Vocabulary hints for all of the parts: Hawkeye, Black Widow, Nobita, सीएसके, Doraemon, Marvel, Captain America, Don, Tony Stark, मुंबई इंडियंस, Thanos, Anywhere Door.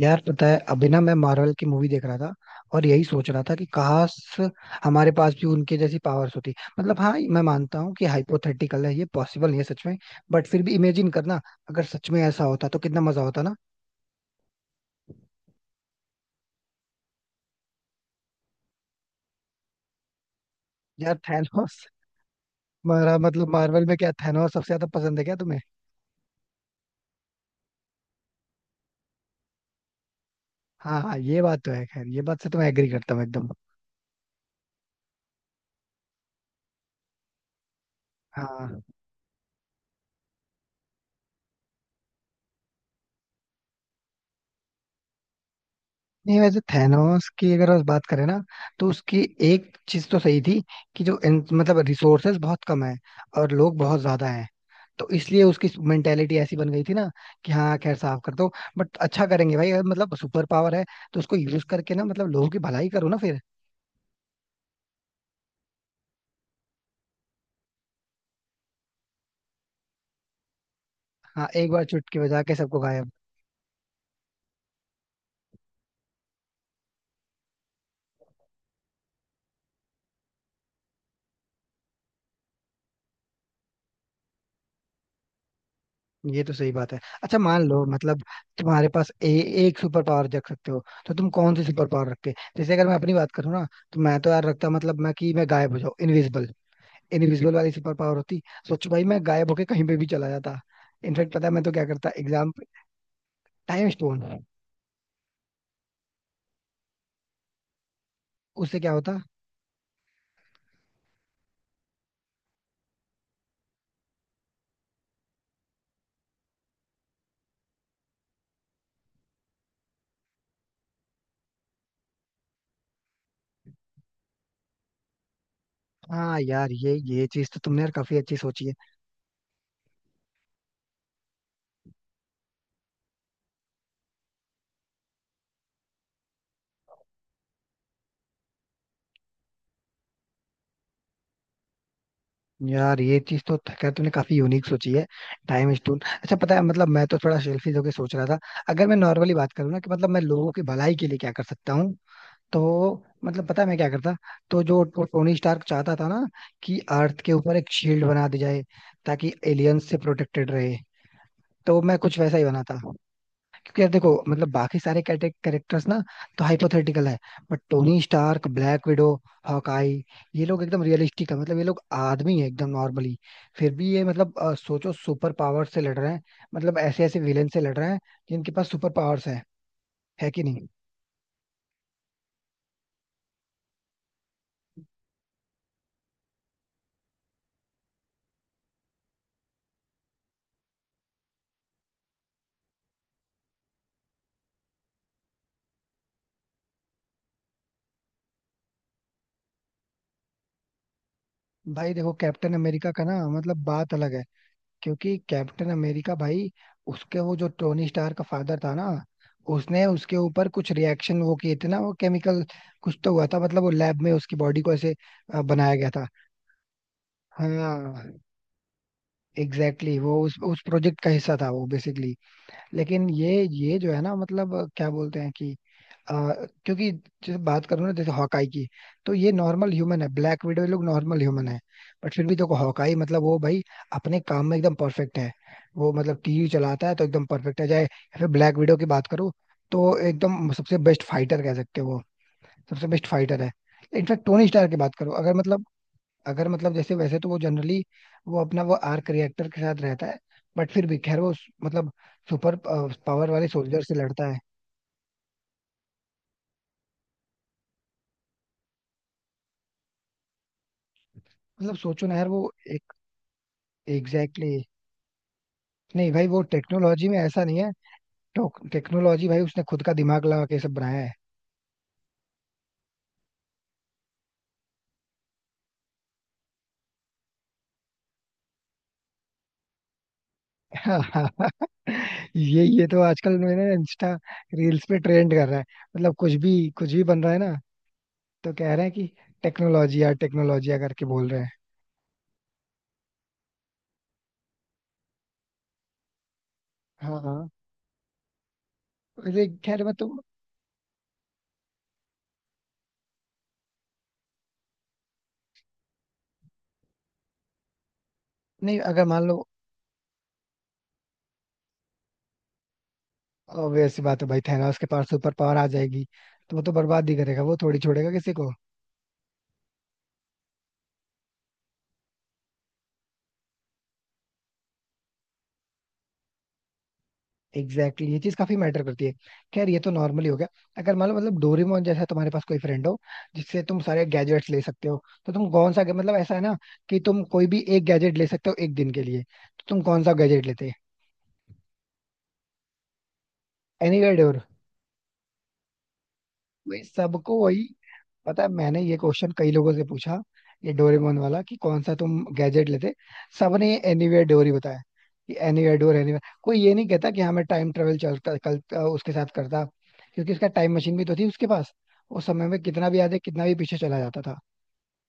यार पता है अभी ना मैं मार्वल की मूवी देख रहा था और यही सोच रहा था कि काश हमारे पास भी उनके जैसी पावर्स होती। मतलब हाँ, मैं मानता हूँ कि हाइपोथेटिकल है, ये पॉसिबल नहीं है सच में। बट फिर भी इमेजिन करना, अगर सच में ऐसा होता तो कितना मजा होता ना। यार थैनोस मारा मतलब मार्वल में क्या थैनोस सबसे ज्यादा पसंद है क्या तुम्हें? हाँ हाँ, ये बात तो है। खैर ये बात से तो मैं एग्री करता हूँ एकदम। हाँ, नहीं वैसे थैनोस की अगर बस बात करें ना तो उसकी एक चीज तो सही थी कि जो मतलब रिसोर्सेज बहुत कम है और लोग बहुत ज्यादा हैं, तो इसलिए उसकी मेंटेलिटी ऐसी बन गई थी ना कि हाँ खैर साफ कर दो। बट अच्छा करेंगे भाई, अगर मतलब सुपर पावर है तो उसको यूज करके ना मतलब लोगों की भलाई करो ना फिर। हाँ, एक बार चुटकी बजा के सबको गायब। ये तो सही बात है। अच्छा मान लो मतलब तुम्हारे पास एक सुपर पावर रख सकते हो तो तुम कौन सी सुपर पावर रखते? जैसे अगर मैं अपनी बात करूँ ना तो मैं तो यार रखता मतलब मैं गायब हो जाऊँ, इनविजिबल। इनविजिबल वाली सुपर पावर होती। सोच भाई, मैं गायब होके कहीं पे भी चला जाता। इनफेक्ट पता है मैं तो क्या करता एग्जाम। टाइम स्टोन, उससे क्या होता? हाँ यार, ये चीज तो तुमने यार काफी अच्छी सोची है। यार ये चीज तो खैर तुमने काफी यूनिक सोची है। Time stone. अच्छा पता है मतलब मैं तो थोड़ा सेल्फिश होके सोच रहा था। अगर मैं नॉर्मली बात करूँ ना कि मतलब मैं लोगों की भलाई के लिए क्या कर सकता हूँ, तो मतलब पता है मैं क्या करता? तो जो टोनी स्टार्क चाहता था ना कि अर्थ के ऊपर एक शील्ड बना दी जाए, ताकि एलियंस से प्रोटेक्टेड रहे, तो मैं कुछ वैसा ही बना था। क्योंकि यार देखो मतलब बाकी सारे कैरेक्टर्स ना तो हाइपोथेटिकल है, but Tony Stark, Black Widow, Hawkeye, ये लोग एकदम रियलिस्टिक है। मतलब ये लोग आदमी है एकदम नॉर्मली, फिर भी ये मतलब सोचो सुपर पावर से लड़ रहे हैं। मतलब ऐसे ऐसे विलेन से लड़ रहे हैं जिनके पास सुपर पावर्स है। है कि नहीं? भाई देखो, कैप्टन अमेरिका का ना मतलब बात अलग है। क्योंकि कैप्टन अमेरिका भाई, उसके वो जो टोनी स्टार का फादर था ना, उसने उसके ऊपर कुछ रिएक्शन वो किए थे ना, वो केमिकल कुछ तो हुआ था। मतलब वो लैब में उसकी बॉडी को ऐसे बनाया गया था। हाँ। एग्जैक्टली exactly, वो उस प्रोजेक्ट का हिस्सा था वो बेसिकली। लेकिन ये जो है ना मतलब क्या बोलते हैं कि आ, क्योंकि जैसे बात करूँ ना जैसे हॉकाई की, तो ये नॉर्मल ह्यूमन है, ब्लैक विडो लोग नॉर्मल ह्यूमन है। बट फिर भी देखो हॉकाई मतलब वो भाई अपने काम में एकदम परफेक्ट है। वो मतलब टीवी चलाता है तो एकदम परफेक्ट है, चाहे या फिर ब्लैक विडो की बात करूँ तो एकदम सबसे बेस्ट फाइटर कह सकते हो वो। सबसे बेस्ट फाइटर है। इनफैक्ट टोनी स्टार की बात करूँ अगर मतलब, अगर मतलब जैसे, वैसे तो वो जनरली वो अपना वो आर्क रिएक्टर के साथ रहता है, बट फिर भी खैर वो मतलब सुपर पावर वाले सोल्जर से लड़ता है। मतलब सोचो ना यार वो। Exactly exactly. नहीं भाई वो टेक्नोलॉजी में ऐसा नहीं है। टेक्नोलॉजी भाई उसने खुद का दिमाग लगा के सब बनाया है। ये तो आजकल मैंने इंस्टा रील्स पे ट्रेंड कर रहा है, मतलब कुछ भी बन रहा है ना, तो कह रहे हैं कि टेक्नोलॉजी या टेक्नोलॉजी करके बोल रहे हैं। हाँ हाँ। वैसे खैर मैं तो, नहीं अगर मान लो obvious सी बात है भाई थैनोस के पास सुपर पावर आ जाएगी तो वो तो बर्बाद ही करेगा, वो थोड़ी छोड़ेगा किसी को। एग्जैक्टली exactly, ये चीज काफी मैटर करती है। खैर ये तो नॉर्मली हो गया। अगर मान लो मतलब डोरेमोन जैसा तुम्हारे पास कोई फ्रेंड हो जिससे तुम सारे गैजेट्स ले सकते हो, तो तुम कौन सा मतलब ऐसा है ना कि तुम कोई भी एक गैजेट ले सकते हो एक दिन के लिए, तो तुम कौन सा गैजेट लेते? Anywhere door. वही सबको, वही। पता है मैंने ये क्वेश्चन कई लोगों से पूछा, ये डोरेमोन वाला कि कौन सा तुम गैजेट लेते, सबने एनीवेयर डोर ही बताया। कि एनीवेयर डोर, एनीवेयर। कोई ये नहीं कहता कि हमें टाइम ट्रेवल चलता कल उसके साथ करता। क्योंकि उसका टाइम मशीन भी तो थी उसके पास। उस समय में कितना भी आगे कितना भी पीछे चला जाता था।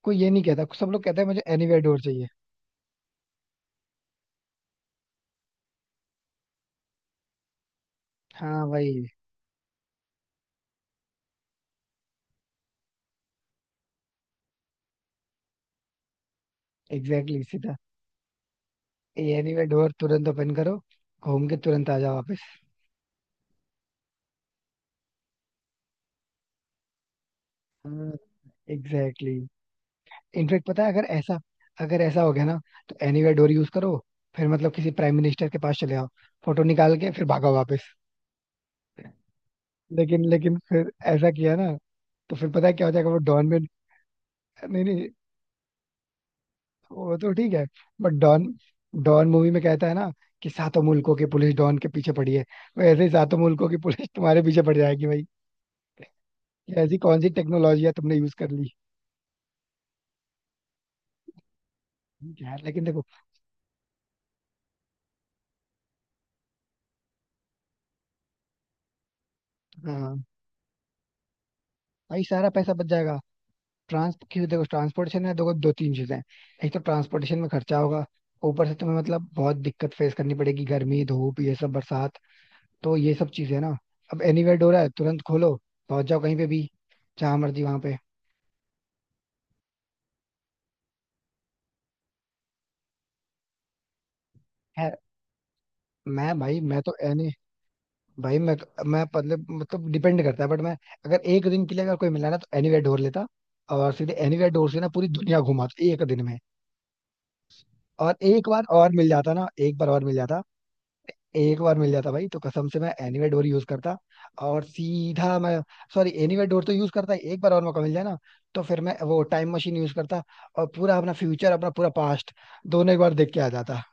कोई ये नहीं कहता, सब लोग कहते हैं मुझे एनीवेयर डोर चाहिए। हाँ भाई। एग्जैक्टली exactly, सीधा ये एनीवेयर डोर तुरंत ओपन करो, घूम के तुरंत आ जाओ वापस। हाँ, एग्जैक्टली। इनफेक्ट पता है अगर ऐसा, अगर ऐसा हो गया ना तो एनीवेयर डोर यूज करो, फिर मतलब किसी प्राइम मिनिस्टर के पास चले आओ, फोटो निकाल के फिर भागो वापस। लेकिन लेकिन फिर ऐसा किया ना, तो फिर पता है क्या हो जाएगा वो डॉन में। नहीं नहीं, वो तो ठीक है बट डॉन, डॉन मूवी में कहता है ना कि सातों मुल्कों की पुलिस डॉन के पीछे पड़ी है, वैसे ही सातों मुल्कों की पुलिस तुम्हारे पीछे पड़ जाएगी भाई। ये ऐसी कौन सी टेक्नोलॉजी है तुमने यूज कर ली? ठीक है यार, लेकिन देखो। हाँ भाई, सारा पैसा बच जाएगा। ट्रांस क्यों, देखो ट्रांसपोर्टेशन में देखो दो तीन चीजें हैं। एक तो ट्रांसपोर्टेशन में खर्चा होगा, ऊपर से तुम्हें मतलब बहुत दिक्कत फेस करनी पड़ेगी, गर्मी धूप ये सब बरसात, तो ये सब चीजें ना। अब एनीवेयर डोर है, तुरंत खोलो, पहुंच जाओ कहीं पे भी, जहां मर्जी वहां पे। है। मैं भाई मैं तो एनी, भाई मैं, मैं मतलब डिपेंड करता है बट मैं, अगर एक दिन के लिए अगर कोई मिला ना तो एनीवेयर डोर लेता, और सीधे एनीवेयर डोर से ना पूरी दुनिया घुमा एक दिन में। और एक बार और मिल जाता ना, एक बार और मिल जाता, एक बार मिल जाता भाई तो कसम से मैं एनीवेयर डोर यूज करता और सीधा मैं। सॉरी, एनीवेयर डोर तो यूज करता ही, एक बार और मौका मिल जाए ना तो फिर मैं वो टाइम मशीन यूज करता, और पूरा अपना फ्यूचर अपना पूरा पास्ट दोनों एक बार देख के आ जाता।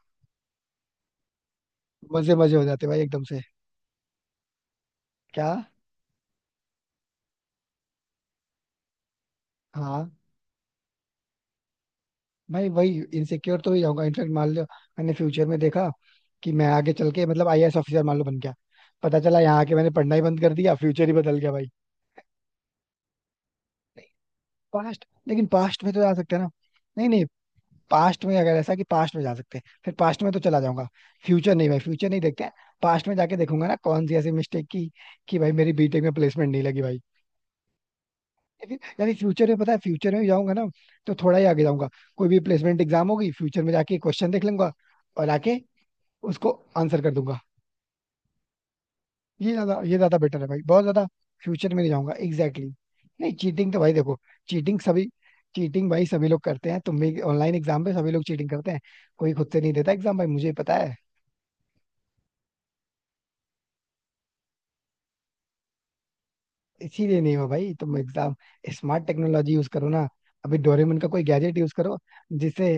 मजे मजे हो जाते भाई एकदम से। क्या? हाँ भाई वही, इनसिक्योर तो ही जाऊंगा। इनफेक्ट मान लो मैंने फ्यूचर में देखा कि मैं आगे चल के मतलब आईएएस ऑफिसर मान लो बन गया, पता चला यहाँ आके मैंने पढ़ना ही बंद कर दिया, फ्यूचर ही बदल गया भाई। पास्ट, लेकिन पास्ट में तो जा सकते हैं ना। नहीं नहीं, पास्ट में अगर ऐसा कि पास्ट में जा सकते हैं फिर पास्ट में तो चला जाऊंगा। फ्यूचर नहीं भाई, फ्यूचर नहीं देखते हैं। पास्ट में जाके देखूंगा ना कौन सी ऐसी मिस्टेक की कि भाई मेरी B.Tech में प्लेसमेंट नहीं लगी भाई। फिर यानी फ्यूचर में पता है, फ्यूचर में जाऊंगा ना तो थोड़ा ही आगे जाऊंगा। कोई भी प्लेसमेंट एग्जाम होगी, फ्यूचर में जाके क्वेश्चन देख लूंगा और आके उसको आंसर कर दूंगा। ये ज्यादा बेटर है भाई, बहुत ज्यादा। फ्यूचर में नहीं जाऊंगा। Exactly exactly. नहीं, चीटिंग तो भाई देखो, चीटिंग सभी, चीटिंग भाई सभी लोग करते हैं, तुम भी ऑनलाइन एग्जाम पे सभी लोग चीटिंग करते हैं। कोई खुद से नहीं देता एग्जाम भाई, मुझे पता है। इसीलिए नहीं हुआ भाई तुम एग्जाम, स्मार्ट टेक्नोलॉजी यूज करो ना। अभी डोरेमन का कोई गैजेट यूज करो, जिससे,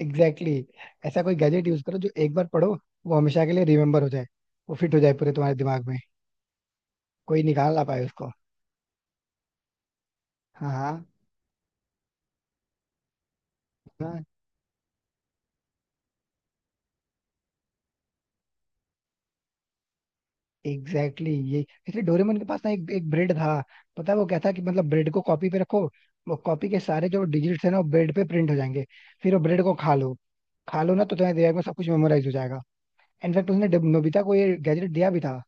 एग्जैक्टली exactly, ऐसा कोई गैजेट यूज करो जो एक बार पढ़ो वो हमेशा के लिए रिमेम्बर हो जाए, वो फिट हो जाए पूरे तुम्हारे दिमाग में, कोई निकाल ना पाए उसको। हाँ हाँ। हाँ, एग्जैक्टली exactly, ये, इसलिए डोरेमन के पास ना एक एक ब्रेड था। पता है वो क्या था कि मतलब ब्रेड को कॉपी पे रखो, वो कॉपी के सारे जो डिजिट्स है ना वो ब्रेड पे प्रिंट हो जाएंगे, फिर वो ब्रेड को खा लो। खा लो ना तो तुम्हारे दिमाग में सब कुछ मेमोराइज हो जाएगा। इनफैक्ट उसने नोबिता को ये गैजेट दिया भी था,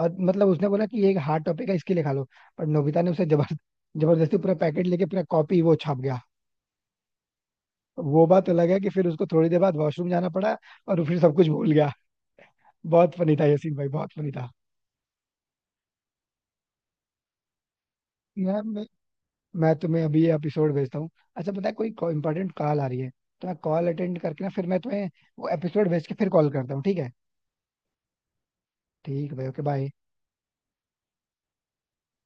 और मतलब उसने बोला कि ये एक हार्ड टॉपिक है इसके लिए खा लो। पर नोबिता ने उसे जबरदस्ती पूरा पैकेट लेके पूरा कॉपी वो छाप गया। वो बात अलग है कि फिर उसको थोड़ी देर बाद वॉशरूम जाना पड़ा और वो फिर सब कुछ भूल गया। बहुत फनी था ये सीन भाई, बहुत फनी था। यार मैं तुम्हें अभी ये एपिसोड भेजता हूँ। अच्छा पता है कोई इंपॉर्टेंट कॉल आ रही है, तो मैं कॉल अटेंड करके ना फिर मैं तुम्हें वो एपिसोड भेज के फिर कॉल करता हूँ, ठीक है? ठीक है भाई, ओके बाय।